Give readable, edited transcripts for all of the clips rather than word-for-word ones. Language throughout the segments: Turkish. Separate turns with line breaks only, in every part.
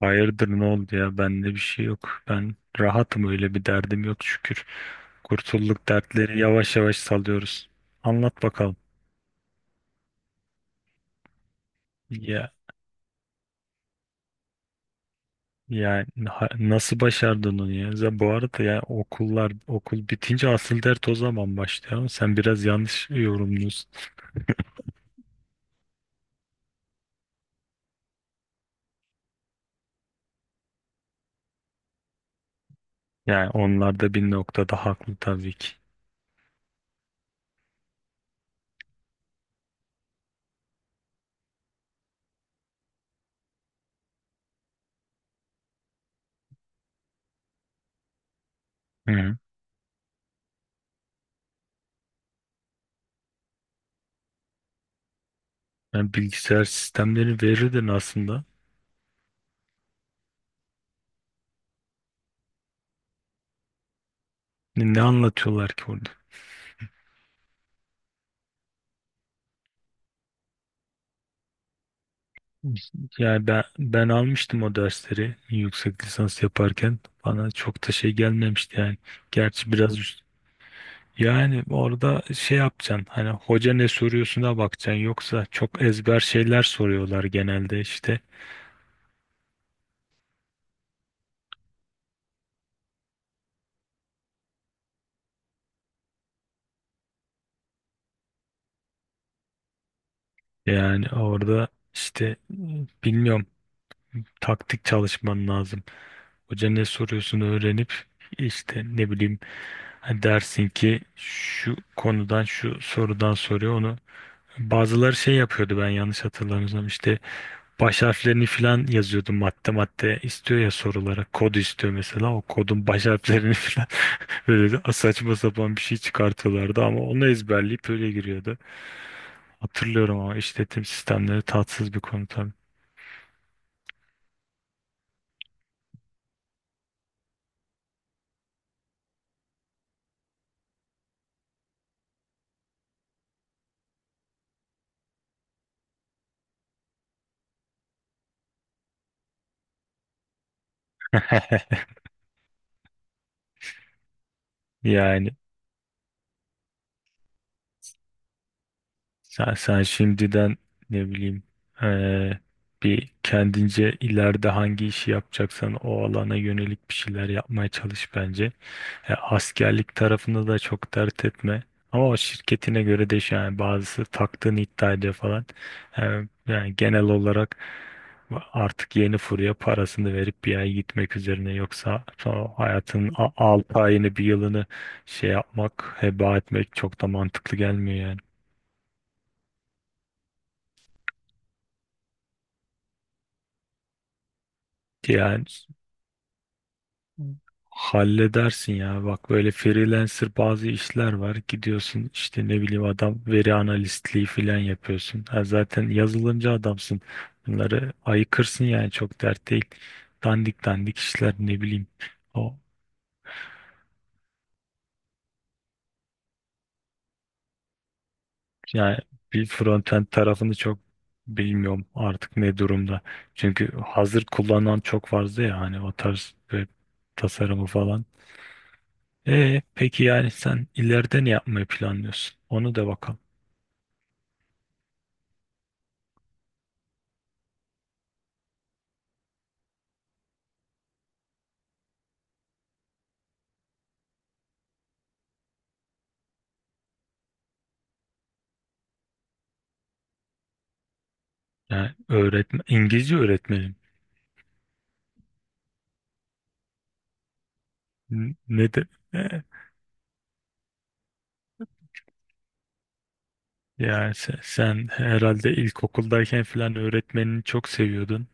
Hayırdır ne oldu ya, bende bir şey yok. Ben rahatım, öyle bir derdim yok, şükür. Kurtulduk, dertleri yavaş yavaş salıyoruz. Anlat bakalım. Ya ya nasıl başardın onu ya? Bu arada ya, okul bitince asıl dert o zaman başlıyor, ama sen biraz yanlış yorumluyorsun. Yani onlar da bir noktada haklı, tabii ki. Hı. Yani bilgisayar sistemleri verirdin aslında. Ne anlatıyorlar ki orada? Yani ben almıştım o dersleri yüksek lisans yaparken. Bana çok da şey gelmemişti yani. Gerçi biraz yani orada şey yapacaksın, hani hoca ne soruyorsuna bakacaksın, yoksa çok ezber şeyler soruyorlar genelde işte. Yani orada işte bilmiyorum, taktik çalışman lazım. Hoca ne soruyorsun öğrenip, işte ne bileyim, hani dersin ki şu konudan şu sorudan soruyor onu. Bazıları şey yapıyordu, ben yanlış hatırlamıyorsam işte baş harflerini filan yazıyordu, madde madde istiyor ya sorulara, kod istiyor mesela, o kodun baş harflerini filan, böyle de saçma sapan bir şey çıkartıyorlardı, ama onu ezberleyip öyle giriyordu. Hatırlıyorum, ama işletim sistemleri tatsız bir konu tabii. Yani sen şimdiden, ne bileyim, eee, bir kendince ileride hangi işi yapacaksan o alana yönelik bir şeyler yapmaya çalış bence. E, askerlik tarafında da çok dert etme. Ama o şirketine göre değişiyor. Yani bazısı taktığını iddia ediyor falan. E, yani genel olarak artık yeni furya parasını verip bir ay gitmek üzerine, yoksa sonra hayatın 6 ayını bir yılını şey yapmak, heba etmek çok da mantıklı gelmiyor yani. Yani halledersin ya. Bak, böyle freelancer bazı işler var. Gidiyorsun, işte ne bileyim, adam veri analistliği falan yapıyorsun. Ha, zaten yazılımcı adamsın. Bunları ayıkırsın yani, çok dert değil. Dandik dandik işler, ne bileyim. O, yani bir frontend tarafını çok bilmiyorum artık ne durumda. Çünkü hazır kullanan çok fazla ya, hani o tarz tasarımı falan. E peki, yani sen ileride ne yapmayı planlıyorsun? Onu da bakalım. Yani öğretmen, İngilizce öğretmenim. N- Ne de, e, yani sen herhalde ilkokuldayken falan öğretmenini çok seviyordun.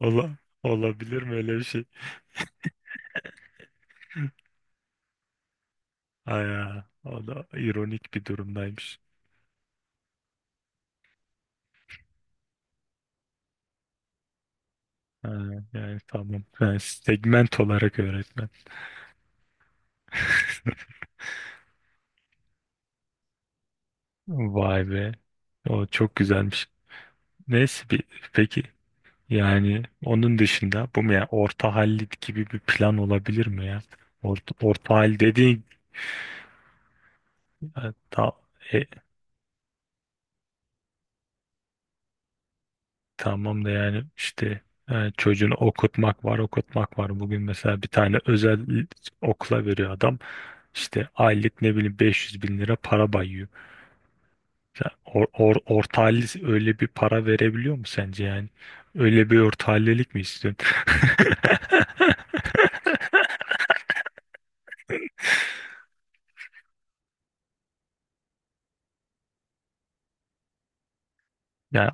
Olabilir mi öyle bir şey? Aya, o da ironik bir durumdaymış. Ha, yani tamam. Ben segment olarak öğretmen. Vay be. O çok güzelmiş. Neyse peki. Yani onun dışında bu mu ya, orta hallit gibi bir plan olabilir mi ya? Orta hal dediğin e, ta- e, tamam da, yani işte çocuğunu okutmak var, okutmak var. Bugün mesela bir tane özel okula veriyor adam, işte aylık ne bileyim 500 bin lira para bayıyor. Sen orta halli öyle bir para verebiliyor mu sence yani? Öyle bir orta hallilik mi istiyorsun? Yani,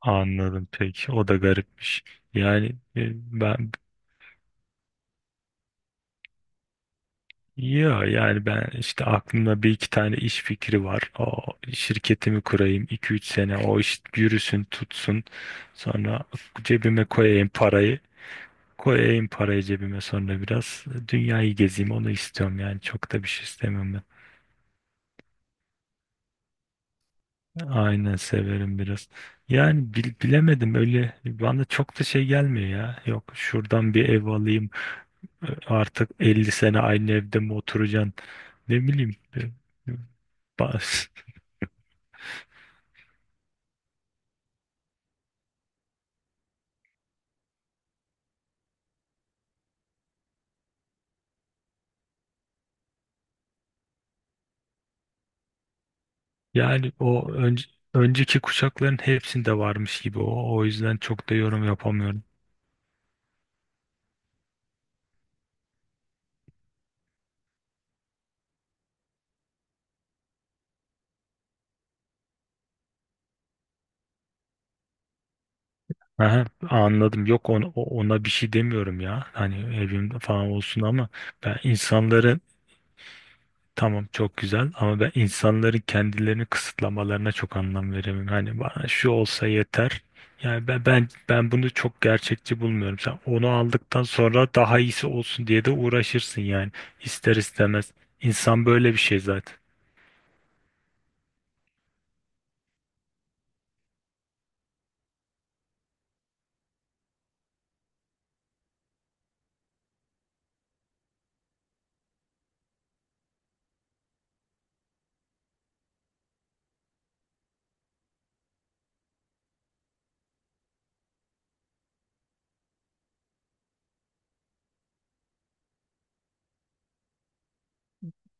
anladım peki. O da garipmiş. Yani e, ben, ya yani ben, işte aklımda bir iki tane iş fikri var. O, şirketimi kurayım, iki üç sene o iş yürüsün tutsun. Sonra cebime koyayım parayı. Koyayım parayı cebime, sonra biraz dünyayı gezeyim, onu istiyorum yani, çok da bir şey istemem ben. Aynen, severim biraz. Yani bilemedim, öyle bana çok da şey gelmiyor ya. Yok, şuradan bir ev alayım. Artık 50 sene aynı evde mi oturacaksın? Ne bileyim. E, bas- Yani o önceki kuşakların hepsinde varmış gibi o. O yüzden çok da yorum yapamıyorum. Aha, anladım. Yok, ona bir şey demiyorum ya. Hani evim falan olsun ama ben insanların tamam, çok güzel, ama ben insanların kendilerini kısıtlamalarına çok anlam veremem. Hani bana şu olsa yeter. Yani ben bunu çok gerçekçi bulmuyorum. Sen onu aldıktan sonra daha iyisi olsun diye de uğraşırsın yani, ister istemez. İnsan böyle bir şey zaten.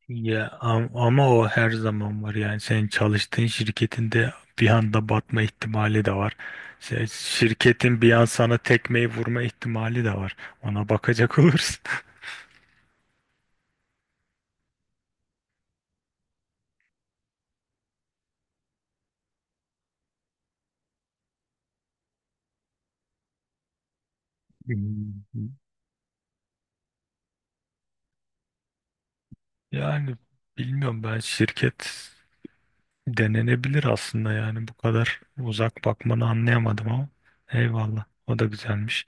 Ya ama o her zaman var yani, senin çalıştığın şirketinde bir anda batma ihtimali de var. Şirketin bir an sana tekmeyi vurma ihtimali de var. Ona bakacak olursun. Yani bilmiyorum, ben şirket denenebilir aslında yani, bu kadar uzak bakmanı anlayamadım, ama eyvallah, o da güzelmiş.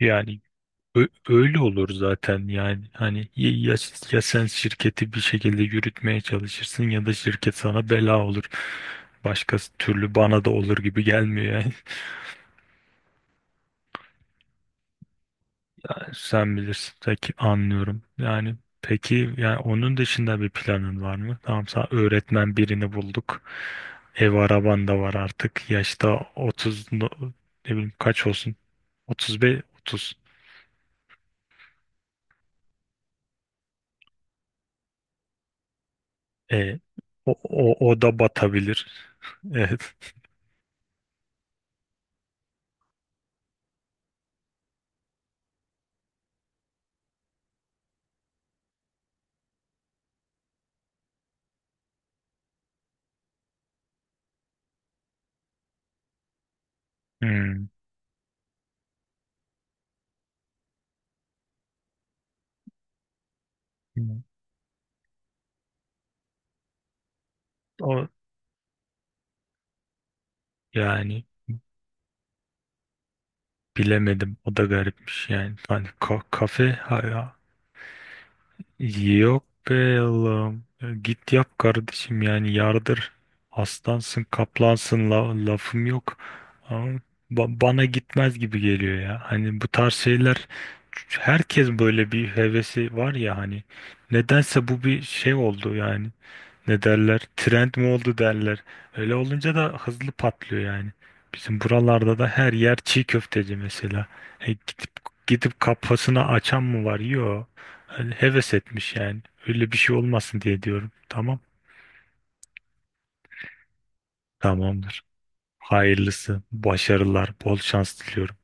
Yani öyle olur zaten yani, hani ya sen şirketi bir şekilde yürütmeye çalışırsın, ya da şirket sana bela olur. Başka türlü bana da olur gibi gelmiyor yani. Sen bilirsin. Peki, anlıyorum. Yani peki, yani onun dışında bir planın var mı? Tamam, sen öğretmen birini bulduk. Ev araban da var artık. Yaşta 30, ne bileyim, kaç olsun? 35, 30. E, o da batabilir. Evet. Hmm. O, yani bilemedim. O da garipmiş yani. Hani kafe. Yok be Allah'ım. Ya, git yap kardeşim, yani yardır. Aslansın, kaplansın, lafım yok. Ama bana gitmez gibi geliyor ya. Hani bu tarz şeyler, herkes böyle bir hevesi var ya hani. Nedense bu bir şey oldu yani, ne derler, trend mi oldu derler. Öyle olunca da hızlı patlıyor yani. Bizim buralarda da her yer çiğ köfteci mesela. E, gidip gidip kafasını açan mı var? Yok. Öyle heves etmiş yani. Öyle bir şey olmasın diye diyorum. Tamam. Tamamdır. Hayırlısı, başarılar, bol şans diliyorum.